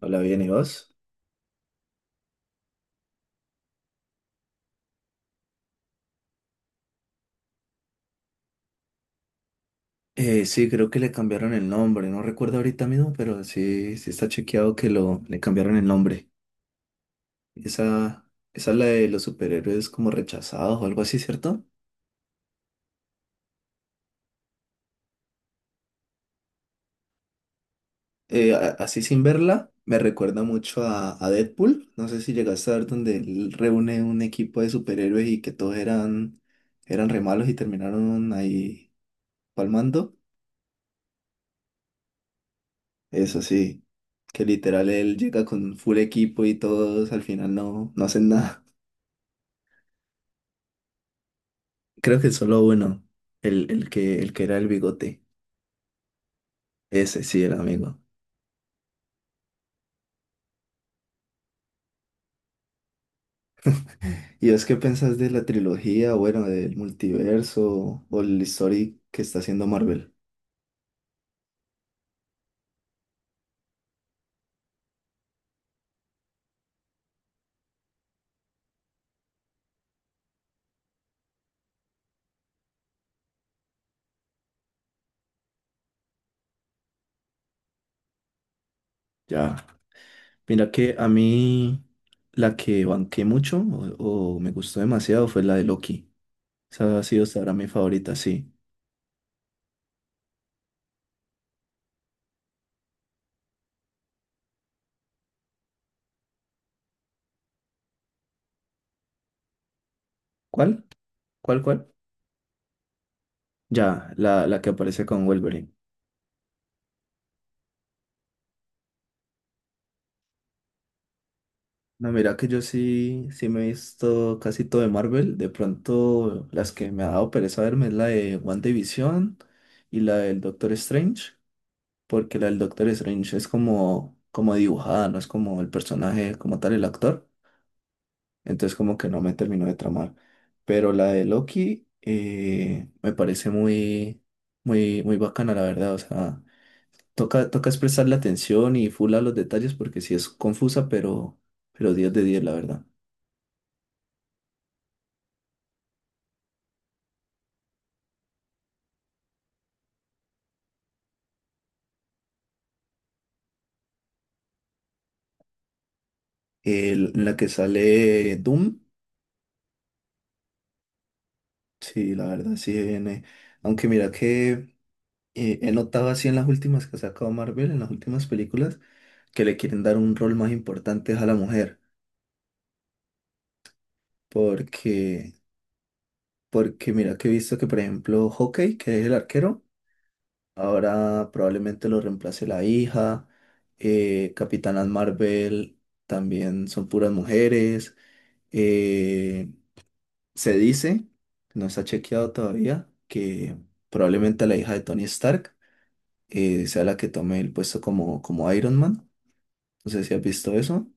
Hola, bien, ¿y vos? Sí, creo que le cambiaron el nombre, no recuerdo ahorita mismo, pero sí, sí está chequeado que le cambiaron el nombre. Esa, esa es la de los superhéroes como rechazados o algo así, ¿cierto? Así sin verla, me recuerda mucho a Deadpool. No sé si llegaste a ver donde él reúne un equipo de superhéroes y que todos eran re malos y terminaron ahí palmando. Eso sí, que literal él llega con full equipo y todos al final no, no hacen nada. Creo que solo uno, el que era el bigote. Ese sí era amigo. ¿Y es qué pensás de la trilogía, bueno, del multiverso o el story que está haciendo Marvel? Ya. Mira que a mí la que banqué mucho o me gustó demasiado fue la de Loki. Esa ha sido hasta ahora mi favorita, sí. ¿Cuál? ¿Cuál? Ya, la que aparece con Wolverine. No, mira que yo sí me he visto casi todo de Marvel. De pronto, las que me ha dado pereza verme es la de WandaVision y la del Doctor Strange, porque la del Doctor Strange es como dibujada, no es como el personaje, como tal el actor. Entonces como que no me terminó de tramar. Pero la de Loki me parece muy bacana, la verdad. O sea, toca expresarle atención y full a los detalles porque sí es confusa, pero 10 de 10, la verdad. En la que sale Doom. Sí, la verdad, sí viene. Aunque mira que he notado así en las últimas que ha sacado Marvel, en las últimas películas, que le quieren dar un rol más importante a la mujer. Porque, porque mira que he visto que, por ejemplo, Hawkeye, que es el arquero, ahora probablemente lo reemplace la hija. Capitanas Marvel también son puras mujeres. eh, Se dice, no está chequeado todavía, que probablemente la hija de Tony Stark sea la que tome el puesto como Iron Man. No sé si has visto eso.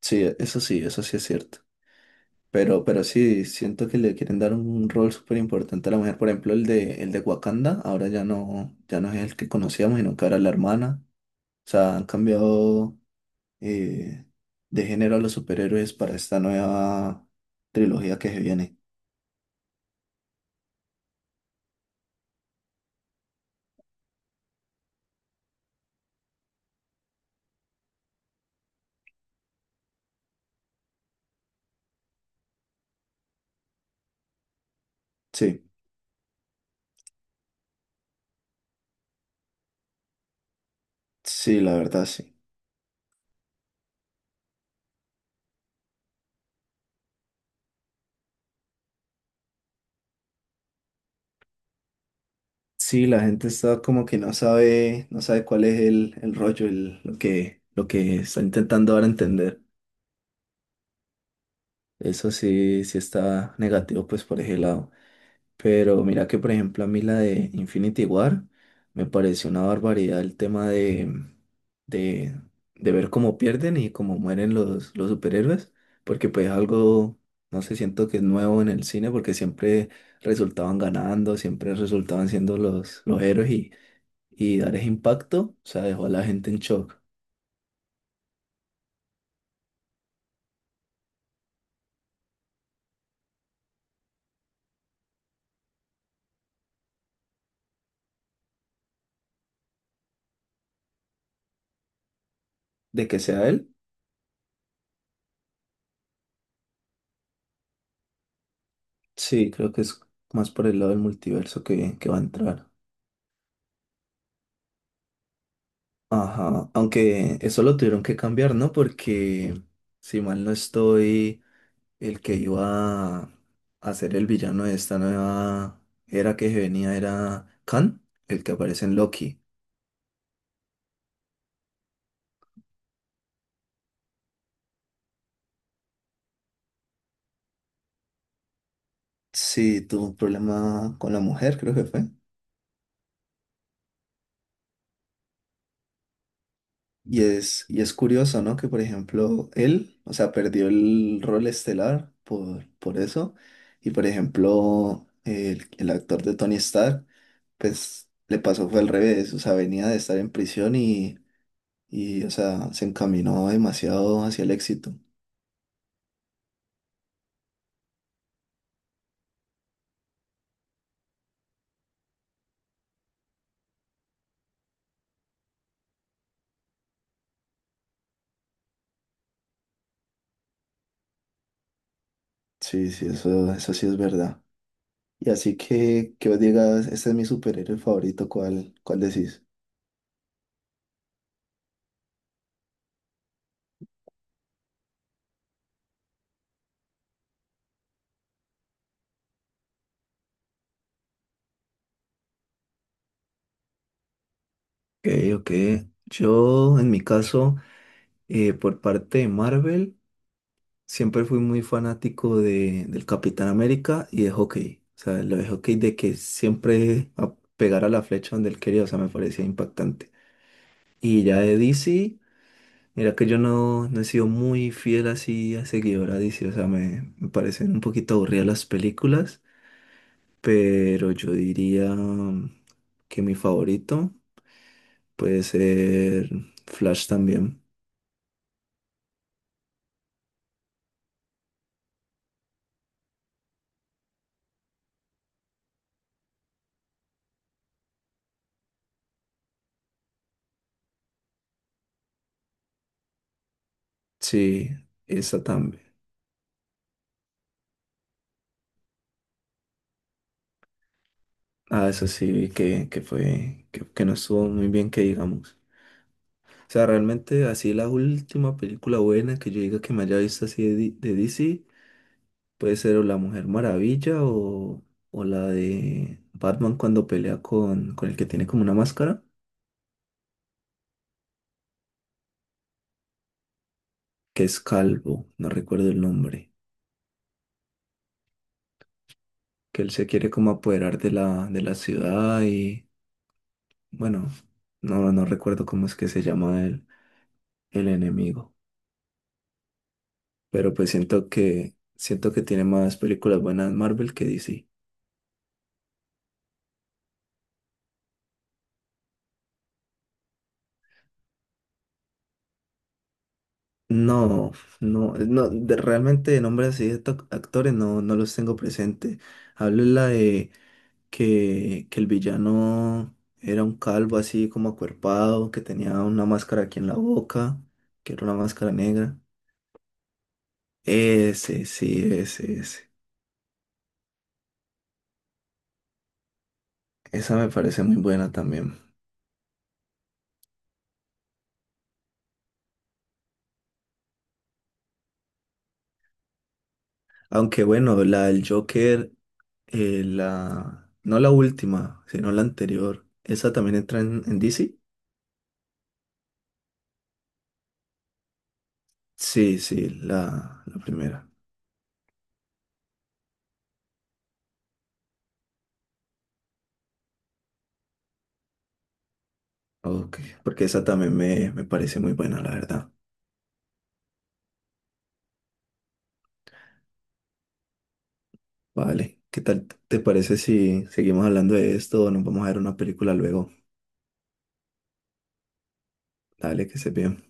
Sí, eso sí, eso sí es cierto. Pero sí, siento que le quieren dar un rol súper importante a la mujer. Por ejemplo, el de Wakanda, ahora ya no, ya no es el que conocíamos, sino que ahora es la hermana. O sea, han cambiado eh, de género a los superhéroes para esta nueva trilogía que se viene. Sí, sí, la verdad, sí. Sí, la gente está como que no sabe, no sabe cuál es el rollo, lo que está intentando ahora entender. Eso sí, sí está negativo, pues por ese lado. Pero mira que, por ejemplo, a mí la de Infinity War me pareció una barbaridad el tema de, de ver cómo pierden y cómo mueren los superhéroes, porque pues algo, no sé, siento que es nuevo en el cine, porque siempre resultaban ganando, siempre resultaban siendo los héroes y dar ese impacto, o sea, dejó a la gente en shock. De que sea él, sí, creo que es más por el lado del multiverso que va a entrar. Ajá, aunque eso lo tuvieron que cambiar, ¿no? Porque si mal no estoy, el que iba a ser el villano de esta nueva era que venía era Khan, el que aparece en Loki. Sí, tuvo un problema con la mujer, creo que fue. Y es curioso, ¿no? Que por ejemplo, él, o sea, perdió el rol estelar por eso. Y por ejemplo, el actor de Tony Stark, pues le pasó fue al revés. O sea, venía de estar en prisión y o sea, se encaminó demasiado hacia el éxito. Sí, sí, eso sí es verdad. Y así que vos digas, este es mi superhéroe favorito, ¿cuál decís? Ok, ok. Yo, en mi caso, por parte de Marvel. Siempre fui muy fanático del Capitán América y de hockey. O sea, lo de hockey de que siempre a pegar a la flecha donde él quería, o sea, me parecía impactante. Y ya de DC, mira que yo no, no he sido muy fiel así a seguidor a DC, o sea, me parecen un poquito aburridas las películas, pero yo diría que mi favorito puede ser Flash también. Sí, esa también. Ah, eso sí, vi que fue, que no estuvo muy bien que digamos. O sea, realmente así la última película buena que yo diga que me haya visto así de, de DC puede ser o La Mujer Maravilla o la de Batman cuando pelea con el que tiene como una máscara, que es Calvo, no recuerdo el nombre, que él se quiere como apoderar de de la ciudad y bueno, no, no recuerdo cómo es que se llama el enemigo. Pero pues siento que tiene más películas buenas Marvel que DC. No, no, no, realmente de nombres así de actores no, no los tengo presente. Hablo es la de que el villano era un calvo así como acuerpado, que tenía una máscara aquí en la boca, que era una máscara negra. Ese, sí, ese, ese. Esa me parece muy buena también. Aunque bueno, la del Joker. La no la última, sino la anterior. ¿Esa también entra en DC? Sí, sí, la primera. Ok, porque esa también me parece muy buena, la verdad. Vale, ¿qué tal te parece si seguimos hablando de esto o nos vamos a ver una película luego? Dale, que se bien.